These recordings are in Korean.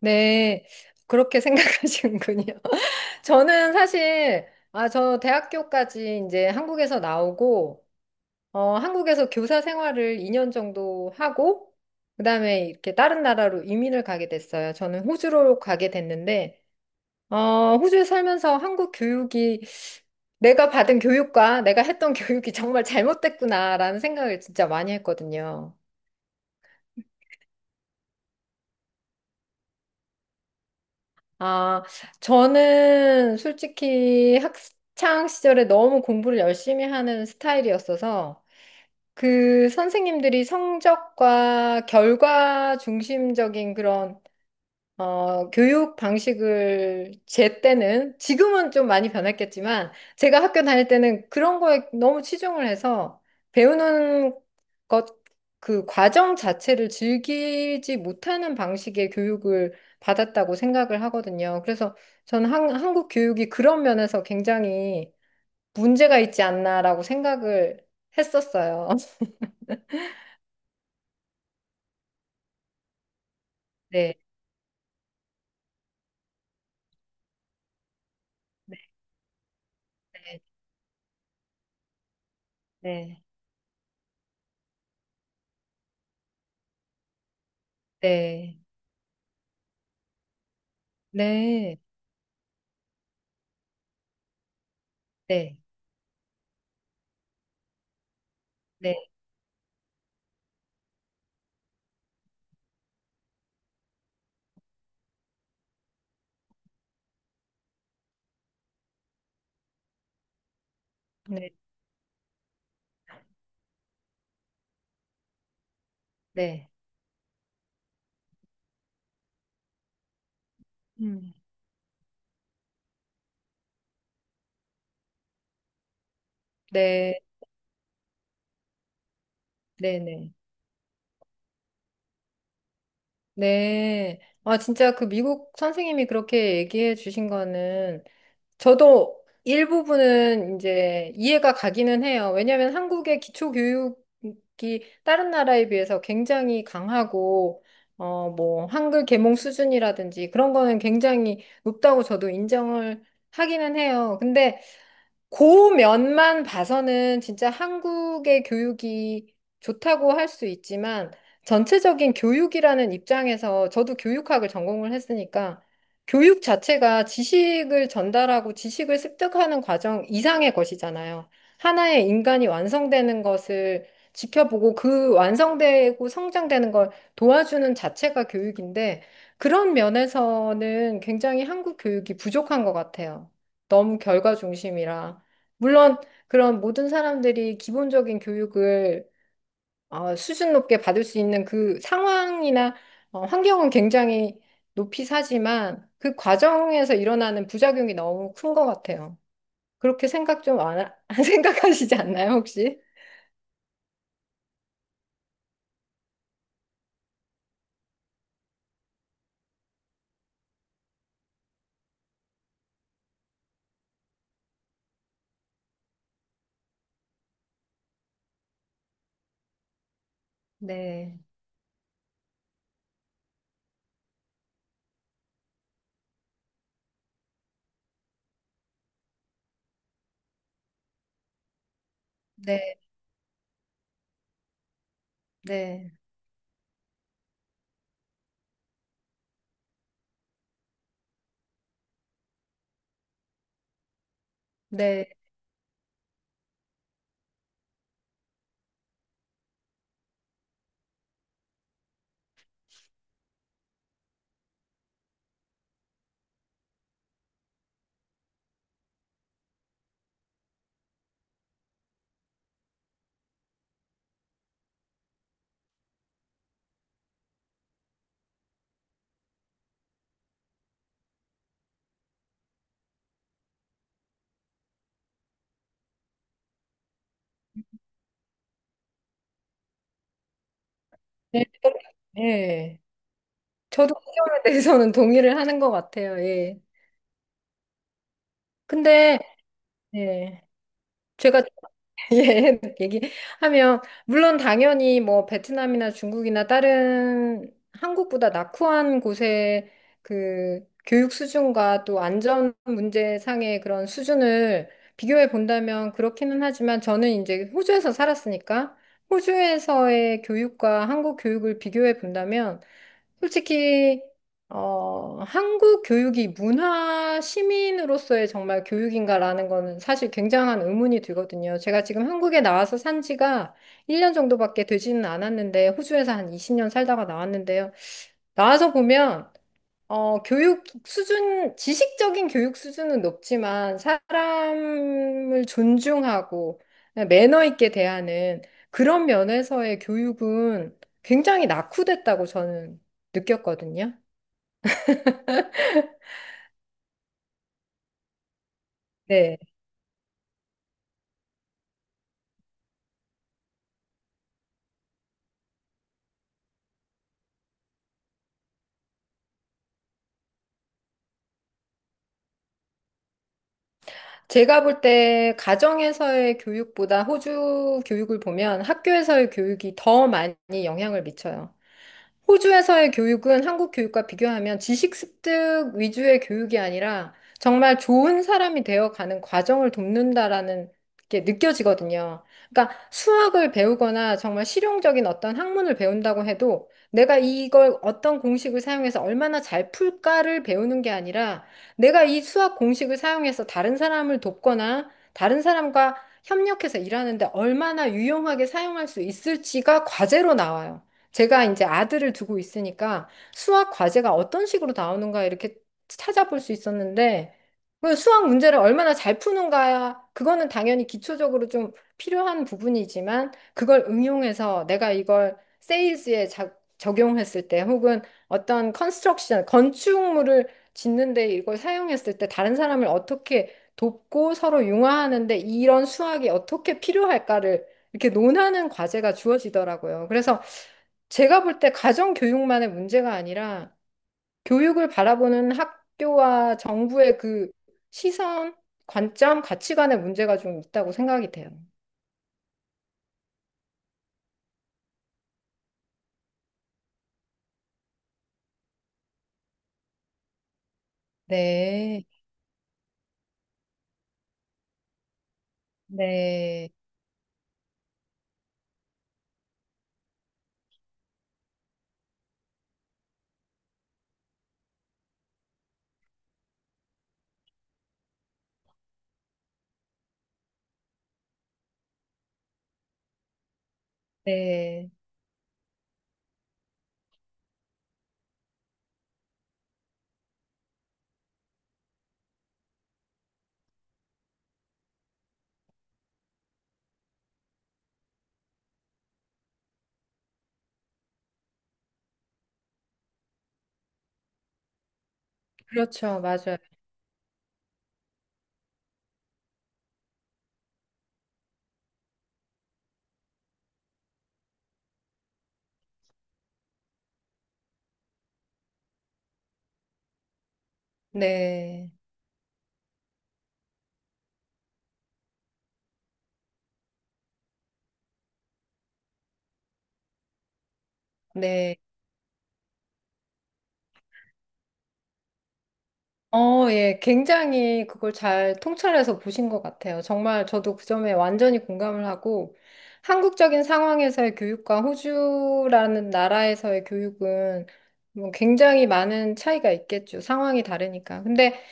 네, 그렇게 생각하시는군요. 저는 사실, 아, 저 대학교까지 이제 한국에서 나오고, 한국에서 교사 생활을 2년 정도 하고, 그다음에 이렇게 다른 나라로 이민을 가게 됐어요. 저는 호주로 가게 됐는데, 호주에 살면서 한국 교육이 내가 받은 교육과 내가 했던 교육이 정말 잘못됐구나라는 생각을 진짜 많이 했거든요. 아, 저는 솔직히 학창 시절에 너무 공부를 열심히 하는 스타일이었어서 그 선생님들이 성적과 결과 중심적인 그런 교육 방식을 제 때는 지금은 좀 많이 변했겠지만 제가 학교 다닐 때는 그런 거에 너무 치중을 해서 배우는 것 그 과정 자체를 즐기지 못하는 방식의 교육을 받았다고 생각을 하거든요. 그래서 저는 한국 교육이 그런 면에서 굉장히 문제가 있지 않나라고 생각을 했었어요. 네. 네. 네. 네. 네. 네. 네. 네. 네. 네. 음. 네, 네, 네. 네. 아, 진짜 그 미국 선생님이 그렇게 얘기해 주신 거는 저도 일부분은 이제 이해가 가기는 해요. 왜냐하면 한국의 기초 교육이 다른 나라에 비해서 굉장히 강하고 뭐 한글 계몽 수준이라든지 그런 거는 굉장히 높다고 저도 인정을 하기는 해요. 근데 그 면만 봐서는 진짜 한국의 교육이 좋다고 할 수 있지만 전체적인 교육이라는 입장에서 저도 교육학을 전공을 했으니까 교육 자체가 지식을 전달하고 지식을 습득하는 과정 이상의 것이잖아요. 하나의 인간이 완성되는 것을 지켜보고 그 완성되고 성장되는 걸 도와주는 자체가 교육인데 그런 면에서는 굉장히 한국 교육이 부족한 것 같아요. 너무 결과 중심이라. 물론 그런 모든 사람들이 기본적인 교육을 수준 높게 받을 수 있는 그 상황이나 환경은 굉장히 높이 사지만 그 과정에서 일어나는 부작용이 너무 큰 것 같아요. 그렇게 생각 좀 안, 하- 생각하시지 않나요, 혹시? 네, 네, 네, 네, 네, 네. 저도 그 점에 대해서는 동의를 하는 것 같아요. 예. 근데 예. 제가 예, 얘기하면 물론 당연히 뭐 베트남이나 중국이나 다른 한국보다 낙후한 곳의 그 교육 수준과 또 안전 문제상의 그런 수준을 비교해 본다면 그렇기는 하지만 저는 이제 호주에서 살았으니까 호주에서의 교육과 한국 교육을 비교해 본다면 솔직히 한국 교육이 문화 시민으로서의 정말 교육인가라는 거는 사실 굉장한 의문이 들거든요. 제가 지금 한국에 나와서 산 지가 1년 정도밖에 되지는 않았는데 호주에서 한 20년 살다가 나왔는데요. 나와서 보면 교육 수준, 지식적인 교육 수준은 높지만 사람을 존중하고 네, 매너 있게 대하는 그런 면에서의 교육은 굉장히 낙후됐다고 저는 느꼈거든요. 네. 제가 볼 때 가정에서의 교육보다 호주 교육을 보면 학교에서의 교육이 더 많이 영향을 미쳐요. 호주에서의 교육은 한국 교육과 비교하면 지식 습득 위주의 교육이 아니라 정말 좋은 사람이 되어가는 과정을 돕는다라는 게 느껴지거든요. 그러니까 수학을 배우거나 정말 실용적인 어떤 학문을 배운다고 해도 내가 이걸 어떤 공식을 사용해서 얼마나 잘 풀까를 배우는 게 아니라 내가 이 수학 공식을 사용해서 다른 사람을 돕거나 다른 사람과 협력해서 일하는데 얼마나 유용하게 사용할 수 있을지가 과제로 나와요. 제가 이제 아들을 두고 있으니까 수학 과제가 어떤 식으로 나오는가 이렇게 찾아볼 수 있었는데 그 수학 문제를 얼마나 잘 푸는가야 그거는 당연히 기초적으로 좀 필요한 부분이지만 그걸 응용해서 내가 이걸 세일즈에 적용했을 때 혹은 어떤 컨스트럭션 건축물을 짓는데 이걸 사용했을 때 다른 사람을 어떻게 돕고 서로 융화하는데 이런 수학이 어떻게 필요할까를 이렇게 논하는 과제가 주어지더라고요. 그래서 제가 볼 때 가정 교육만의 문제가 아니라 교육을 바라보는 학교와 정부의 그 시선, 관점, 가치관의 문제가 좀 있다고 생각이 돼요. 네, 네, 네. 그렇죠. 맞아요. 네, 네. 예, 굉장히 그걸 잘 통찰해서 보신 것 같아요. 정말 저도 그 점에 완전히 공감을 하고, 한국적인 상황에서의 교육과 호주라는 나라에서의 교육은 뭐 굉장히 많은 차이가 있겠죠. 상황이 다르니까. 근데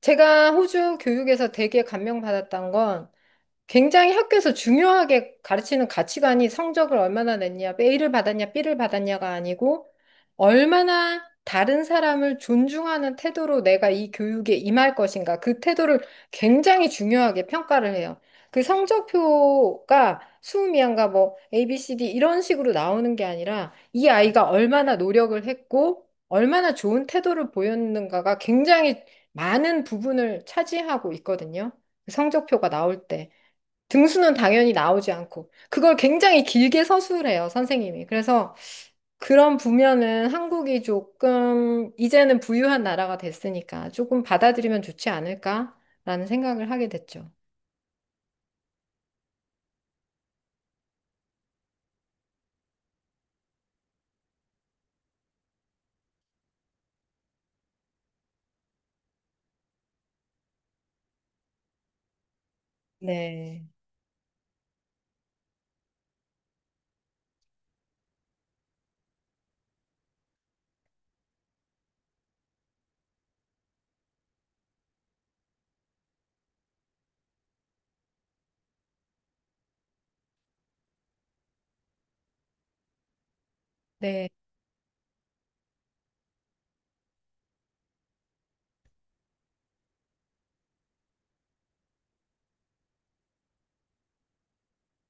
제가 호주 교육에서 되게 감명받았던 건 굉장히 학교에서 중요하게 가르치는 가치관이 성적을 얼마나 냈냐, A를 받았냐, B를 받았냐가 아니고 얼마나 다른 사람을 존중하는 태도로 내가 이 교육에 임할 것인가. 그 태도를 굉장히 중요하게 평가를 해요. 그 성적표가 수음이한가 뭐 A, B, C, D 이런 식으로 나오는 게 아니라 이 아이가 얼마나 노력을 했고 얼마나 좋은 태도를 보였는가가 굉장히 많은 부분을 차지하고 있거든요. 그 성적표가 나올 때. 등수는 당연히 나오지 않고 그걸 굉장히 길게 서술해요, 선생님이. 그래서 그런 부면은 한국이 조금 이제는 부유한 나라가 됐으니까 조금 받아들이면 좋지 않을까라는 생각을 하게 됐죠. 네. 네.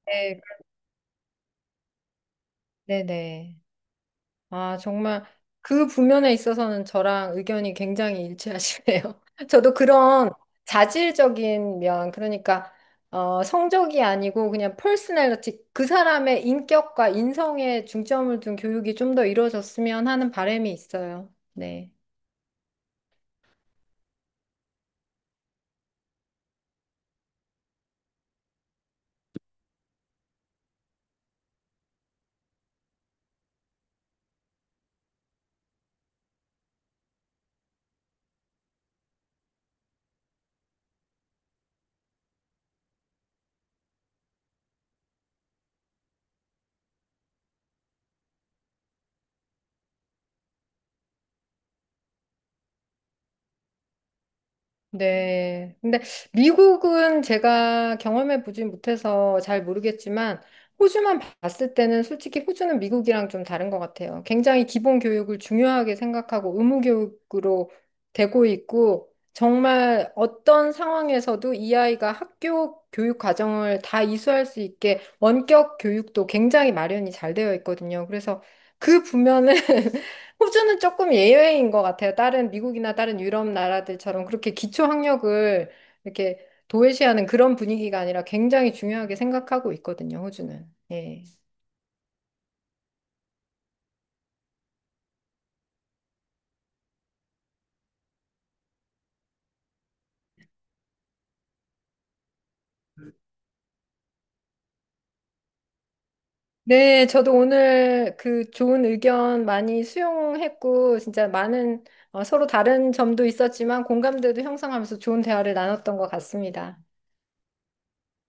네. 네. 네. 아, 정말 그 부면에 있어서는 저랑 의견이 굉장히 일치하시네요. 저도 그런 자질적인 면, 그러니까 성적이 아니고 그냥 퍼스널리티, 그 사람의 인격과 인성에 중점을 둔 교육이 좀 더 이루어졌으면 하는 바람이 있어요. 네. 네. 근데 미국은 제가 경험해 보진 못해서 잘 모르겠지만 호주만 봤을 때는 솔직히 호주는 미국이랑 좀 다른 것 같아요. 굉장히 기본 교육을 중요하게 생각하고 의무 교육으로 되고 있고 정말 어떤 상황에서도 이 아이가 학교 교육 과정을 다 이수할 수 있게 원격 교육도 굉장히 마련이 잘 되어 있거든요. 그래서 그 부면은 호주는 조금 예외인 것 같아요. 다른 미국이나 다른 유럽 나라들처럼 그렇게 기초 학력을 이렇게 도외시하는 그런 분위기가 아니라 굉장히 중요하게 생각하고 있거든요, 호주는. 예. 네, 저도 오늘 그 좋은 의견 많이 수용했고, 진짜 많은 서로 다른 점도 있었지만 공감대도 형성하면서 좋은 대화를 나눴던 것 같습니다.